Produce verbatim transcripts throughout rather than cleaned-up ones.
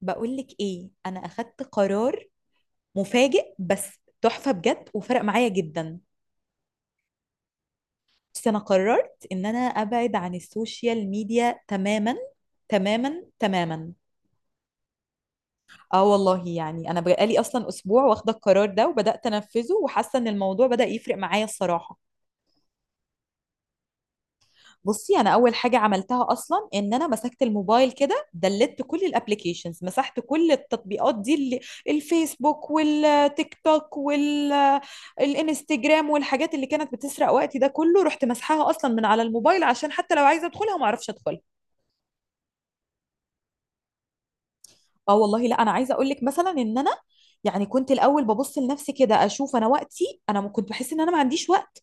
بقولك ايه، انا اخدت قرار مفاجئ بس تحفة بجد وفرق معايا جدا. بس انا قررت ان انا ابعد عن السوشيال ميديا تماما تماما تماما. اه والله، يعني انا بقالي اصلا اسبوع واخدة القرار ده وبدأت انفذه وحاسة ان الموضوع بدأ يفرق معايا الصراحة. بصي، انا اول حاجه عملتها اصلا ان انا مسكت الموبايل كده دلت كل الابليكيشنز، مسحت كل التطبيقات دي اللي الفيسبوك والتيك توك والانستجرام والحاجات اللي كانت بتسرق وقتي ده كله، رحت مسحها اصلا من على الموبايل عشان حتى لو عايزه ادخلها ما اعرفش ادخلها. اه والله، لا انا عايزه اقول لك مثلا ان انا يعني كنت الاول ببص لنفسي كده اشوف انا وقتي، انا م- كنت بحس ان انا ما عنديش وقت.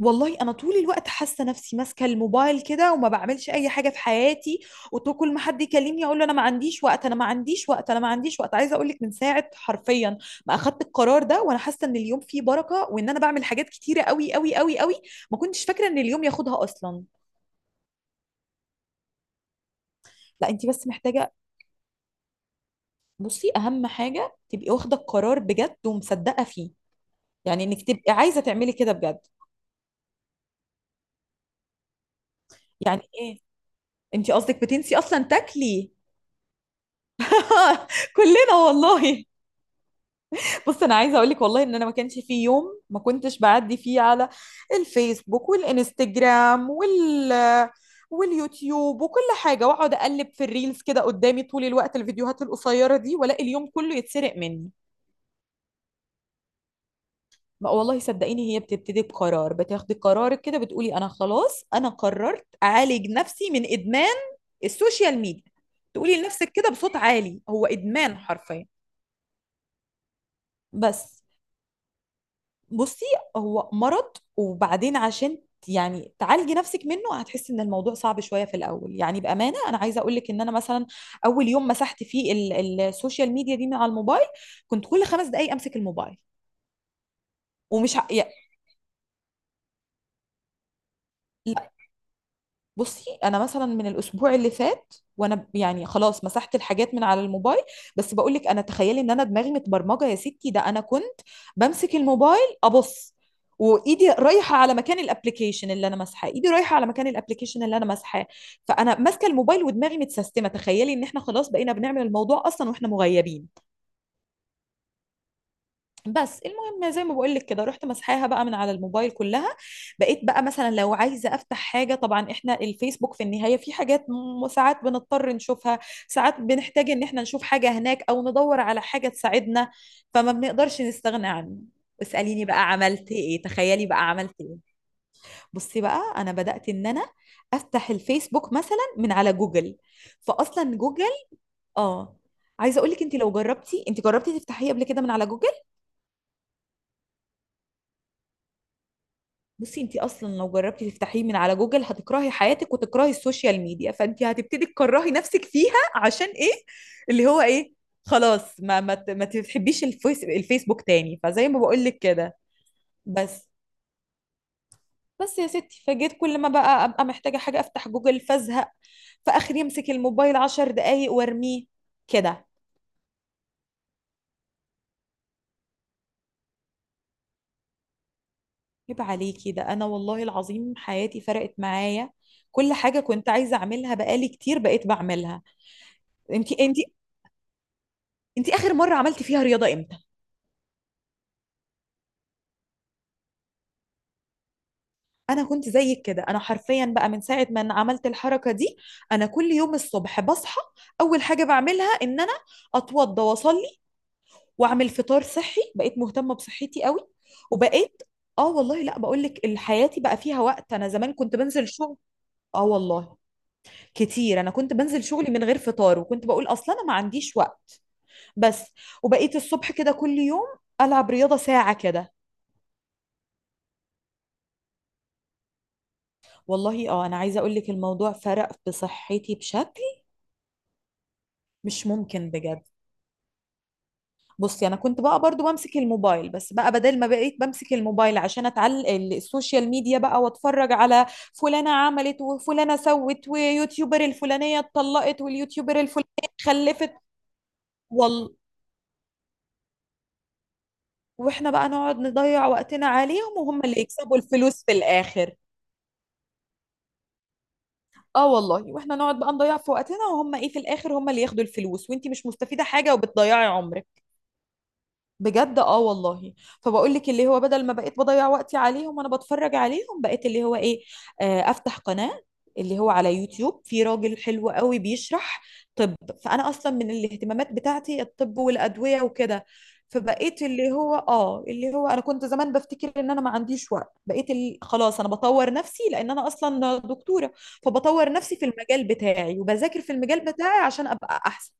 والله انا طول الوقت حاسه نفسي ماسكه الموبايل كده وما بعملش اي حاجه في حياتي، وكل ما حد يكلمني اقول له انا ما عنديش وقت انا ما عنديش وقت انا ما عنديش وقت. عايزه اقول لك، من ساعه حرفيا ما اخدت القرار ده وانا حاسه ان اليوم فيه بركه وان انا بعمل حاجات كتيره قوي قوي قوي قوي. ما كنتش فاكره ان اليوم ياخدها اصلا. لا انت بس محتاجه. بصي اهم حاجه تبقي واخده القرار بجد ومصدقه فيه. يعني انك تبقي عايزه تعملي كده بجد. يعني ايه، انت قصدك بتنسي اصلا تاكلي؟ كلنا والله. بص، انا عايزه اقول لك والله ان انا ما كانش في يوم ما كنتش بعدي فيه على الفيسبوك والانستجرام وال واليوتيوب وكل حاجه، واقعد اقلب في الريلز كده قدامي طول الوقت، الفيديوهات القصيره دي، والاقي اليوم كله يتسرق مني. ما والله صدقيني، هي بتبتدي بقرار، بتاخدي قرارك كده بتقولي انا خلاص انا قررت اعالج نفسي من ادمان السوشيال ميديا. تقولي لنفسك كده بصوت عالي هو ادمان حرفيا. بس بصي، هو مرض، وبعدين عشان يعني تعالجي نفسك منه هتحسي ان الموضوع صعب شويه في الاول. يعني بامانه انا عايزه اقول لك ان انا مثلا اول يوم مسحت فيه ال- السوشيال ميديا دي من على الموبايل، كنت كل خمس دقائق امسك الموبايل. ومش ه... يعني بصي انا مثلا من الاسبوع اللي فات وانا ب- يعني خلاص مسحت الحاجات من على الموبايل. بس بقول لك، انا تخيلي ان انا دماغي متبرمجه يا ستي، ده انا كنت بمسك الموبايل ابص وايدي رايحه على مكان الابلكيشن اللي انا ماسحاه، ايدي رايحه على مكان الابلكيشن اللي انا ماسحاه. فانا ماسكه الموبايل ودماغي متسيستمه. تخيلي ان احنا خلاص بقينا بنعمل الموضوع اصلا واحنا مغيبين. بس المهم، زي ما بقول لك كده، رحت مسحاها بقى من على الموبايل كلها. بقيت بقى مثلا لو عايزه افتح حاجه، طبعا احنا الفيسبوك في النهايه في حاجات م- ساعات بنضطر نشوفها، ساعات بنحتاج ان احنا نشوف حاجه هناك او ندور على حاجه تساعدنا، فما بنقدرش نستغنى عنه. اساليني بقى عملت ايه، تخيلي بقى عملت ايه. بصي بقى، انا بدات ان انا افتح الفيسبوك مثلا من على جوجل. فاصلا جوجل، اه، عايزه اقول لك انت لو جربتي، انت جربتي تفتحيه قبل كده من على جوجل؟ بصي انت اصلا لو جربتي تفتحيه من على جوجل هتكرهي حياتك وتكرهي السوشيال ميديا، فانت هتبتدي تكرهي نفسك فيها. عشان ايه؟ اللي هو ايه؟ خلاص ما ما ت- ما تحبيش الفيس الفيسبوك تاني. فزي ما بقول لك كده، بس بس يا ستي، فجيت كل ما بقى ابقى محتاجه حاجه افتح جوجل فازهق. في اخر يمسك الموبايل عشر دقايق وارميه كده. يبقى عليكي ده. انا والله العظيم حياتي فرقت معايا، كل حاجه كنت عايزه اعملها بقالي كتير بقيت بعملها. انت انت انت اخر مره عملتي فيها رياضه امتى؟ انا كنت زيك كده. انا حرفيا بقى من ساعه ما أنا عملت الحركه دي، انا كل يوم الصبح بصحى، اول حاجه بعملها ان انا اتوضى واصلي واعمل فطار صحي. بقيت مهتمه بصحتي قوي. وبقيت، اه والله، لا بقول لك حياتي بقى فيها وقت. انا زمان كنت بنزل شغل. اه والله كتير، انا كنت بنزل شغلي من غير فطار وكنت بقول اصلا انا ما عنديش وقت. بس وبقيت الصبح كده كل يوم العب رياضه ساعه كده. والله اه، انا عايزه اقول لك الموضوع فرق في صحتي بشكل مش ممكن بجد. بصي، انا كنت بقى برضو بمسك الموبايل، بس بقى بدل ما بقيت بمسك الموبايل عشان اتعلق السوشيال ميديا بقى واتفرج على فلانه عملت وفلانه سوت ويوتيوبر الفلانيه اتطلقت واليوتيوبر الفلانيه خلفت وال... واحنا بقى نقعد نضيع وقتنا عليهم وهم اللي يكسبوا الفلوس في الاخر. اه والله، واحنا نقعد بقى نضيع في وقتنا، وهم ايه في الاخر؟ هم اللي ياخدوا الفلوس، وانتي مش مستفيده حاجه وبتضيعي عمرك. بجد، اه والله. فبقول لك اللي هو، بدل ما بقيت بضيع وقتي عليهم وانا بتفرج عليهم، بقيت اللي هو ايه، آه، افتح قناة، اللي هو على يوتيوب في راجل حلو قوي بيشرح. طب فانا اصلا من الاهتمامات بتاعتي الطب والادوية وكده. فبقيت اللي هو اه، اللي هو انا كنت زمان بفتكر ان انا ما عنديش وقت، بقيت ال... خلاص انا بطور نفسي، لان انا اصلا دكتورة. فبطور نفسي في المجال بتاعي وبذاكر في المجال بتاعي عشان ابقى احسن.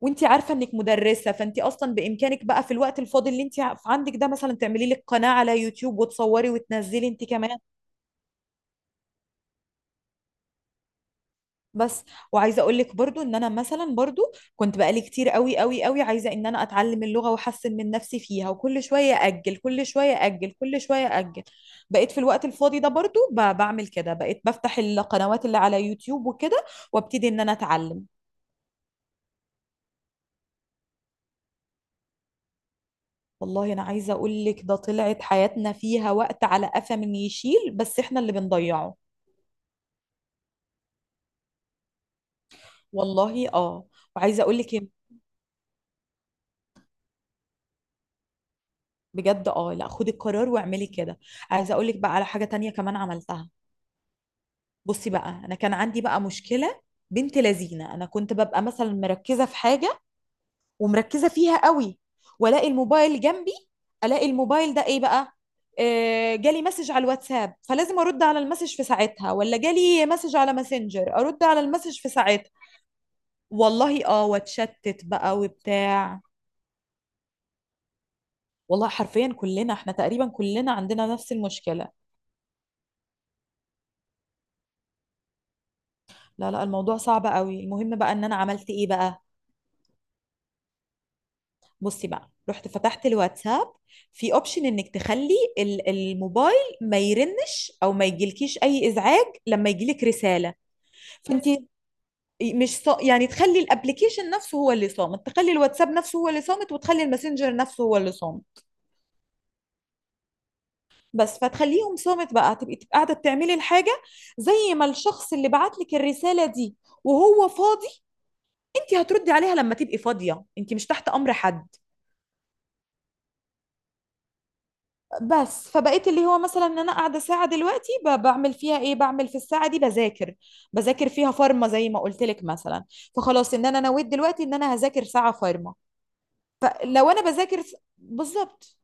وانت عارفه انك مدرسه، فانت اصلا بامكانك بقى في الوقت الفاضي اللي انت عندك ده مثلا تعملي لك قناه على يوتيوب وتصوري وتنزلي انت كمان. بس وعايزه اقول لك برضو ان انا مثلا برضو كنت بقالي كتير قوي قوي قوي عايزه ان انا اتعلم اللغه واحسن من نفسي فيها، وكل شويه اجل كل شويه اجل كل شويه اجل. بقيت في الوقت الفاضي ده برضو ب- بعمل كده، بقيت بفتح القنوات اللي على يوتيوب وكده وابتدي ان انا اتعلم. والله انا عايزه اقول لك، ده طلعت حياتنا فيها وقت على قفا من يشيل، بس احنا اللي بنضيعه. والله اه. وعايزه اقول لك إيه، بجد اه، لا خدي القرار واعملي كده. عايزه اقول لك بقى على حاجه تانية كمان عملتها. بصي بقى، انا كان عندي بقى مشكله، بنت لذينه، انا كنت ببقى مثلا مركزه في حاجه ومركزه فيها قوي، والاقي الموبايل جنبي، الاقي الموبايل ده ايه بقى، آه جالي مسج على الواتساب فلازم ارد على المسج في ساعتها، ولا جالي مسج على ماسنجر ارد على المسج في ساعتها. والله اه، واتشتت بقى وبتاع. والله حرفيا كلنا، احنا تقريبا كلنا عندنا نفس المشكلة. لا لا، الموضوع صعب قوي. المهم بقى ان انا عملت ايه بقى. بصي بقى، رحت فتحت الواتساب، في اوبشن انك تخلي ال- الموبايل ما يرنش او ما يجيلكيش اي ازعاج لما يجيلك رسالة. فانت مش صا... يعني تخلي الابليكيشن نفسه هو اللي صامت، تخلي الواتساب نفسه هو اللي صامت، وتخلي الماسنجر نفسه هو اللي صامت. بس فتخليهم صامت بقى، تبقي تبقي قاعدة بتعملي الحاجة. زي ما الشخص اللي بعت لك الرسالة دي وهو فاضي، انت هتردي عليها لما تبقي فاضيه، انت مش تحت امر حد. بس فبقيت اللي هو مثلا، ان انا قاعده ساعه دلوقتي ب- بعمل فيها ايه، بعمل في الساعه دي بذاكر، بذاكر فيها فارما زي ما قلت لك مثلا. فخلاص ان انا نويت دلوقتي ان انا هذاكر ساعه فارما. فلو انا بذاكر س- بالظبط،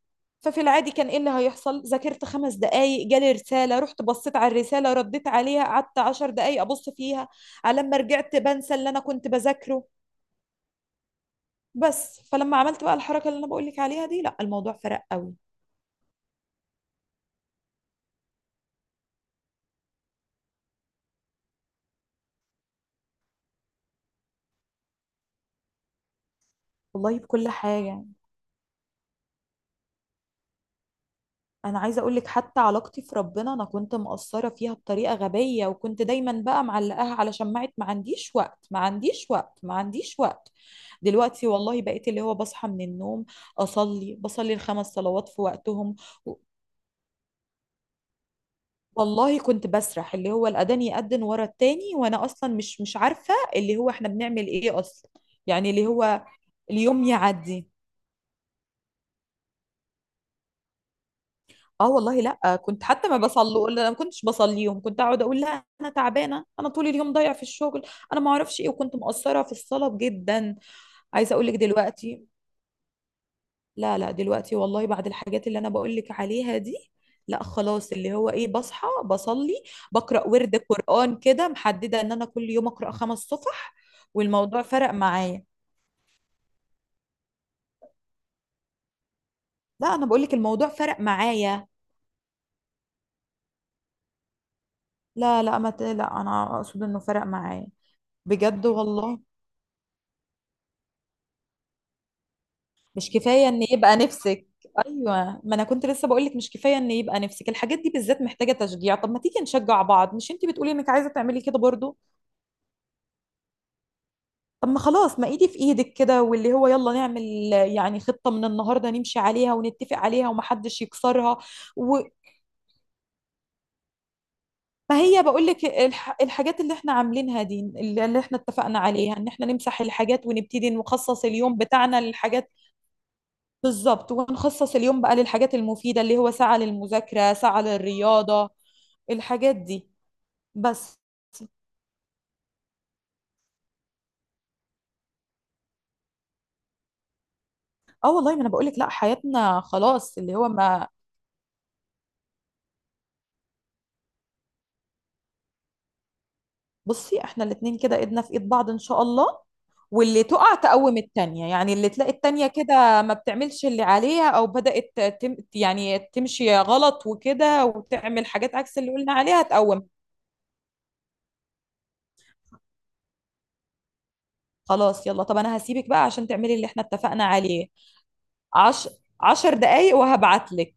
ففي العادي كان ايه اللي هيحصل؟ ذاكرت خمس دقايق، جالي رساله، رحت بصيت على الرساله، رديت عليها، قعدت عشر دقايق ابص فيها، على لما رجعت بنسى اللي انا كنت بذاكره. بس فلما عملت بقى الحركه اللي انا بقول لك عليها دي، لا الموضوع فرق قوي. والله بكل حاجة. أنا عايزة أقولك حتى علاقتي في ربنا أنا كنت مقصرة فيها بطريقة غبية، وكنت دايما بقى معلقاها على شماعة ما عنديش وقت ما عنديش وقت ما عنديش وقت. دلوقتي والله بقيت اللي هو بصحى من النوم أصلي، بصلي الخمس صلوات في وقتهم. و- والله كنت بسرح، اللي هو الأذان يأذن ورا التاني وأنا أصلا مش مش عارفة اللي هو إحنا بنعمل إيه أصلا. يعني اللي هو اليوم يعدي. اه والله، لا كنت حتى ما بصلي، لا، ما كنتش بصليهم. كنت اقعد اقول لا انا تعبانه، انا طول اليوم ضايع في الشغل، انا ما اعرفش ايه، وكنت مقصره في الصلاه جدا. عايزه اقول لك دلوقتي، لا لا دلوقتي والله بعد الحاجات اللي انا بقول لك عليها دي، لا خلاص اللي هو ايه، بصحى بصلي، بقرا ورد قران كده، محدده ان انا كل يوم اقرا خمس صفح. والموضوع فرق معايا. لا انا بقول لك الموضوع فرق معايا. لا لا ما ت- لا انا اقصد انه فرق معايا بجد والله. مش كفاية ان يبقى نفسك. ايوه، ما انا كنت لسه بقول لك مش كفاية ان يبقى نفسك، الحاجات دي بالذات محتاجة تشجيع. طب ما تيجي نشجع بعض، مش انتي بتقولي انك عايزة تعملي كده برضو؟ طب ما خلاص، ما ايدي في ايدك كده، واللي هو يلا نعمل يعني خطة من النهاردة نمشي عليها ونتفق عليها ومحدش يكسرها. و... ما هي بقول لك الح... الحاجات اللي احنا عاملينها دي، اللي اللي احنا اتفقنا عليها ان احنا نمسح الحاجات ونبتدي نخصص اليوم بتاعنا للحاجات. بالظبط، ونخصص اليوم بقى للحاجات المفيدة، اللي هو ساعة للمذاكرة ساعة للرياضة، الحاجات دي. بس اه والله، ما انا بقولك لا، حياتنا خلاص اللي هو ما. بصي احنا الاتنين كده ايدنا في ايد بعض ان شاء الله. واللي تقع تقوم التانية، يعني اللي تلاقي التانية كده ما بتعملش اللي عليها او بدأت تم يعني تمشي غلط وكده وتعمل حاجات عكس اللي قلنا عليها تقوم. خلاص يلا، طب انا هسيبك بقى عشان تعملي اللي احنا اتفقنا عليه. عش... عشر دقايق وهبعتلك.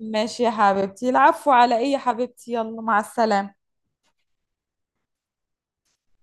ماشي يا حبيبتي، العفو، على ايه يا حبيبتي، يلا مع السلامة.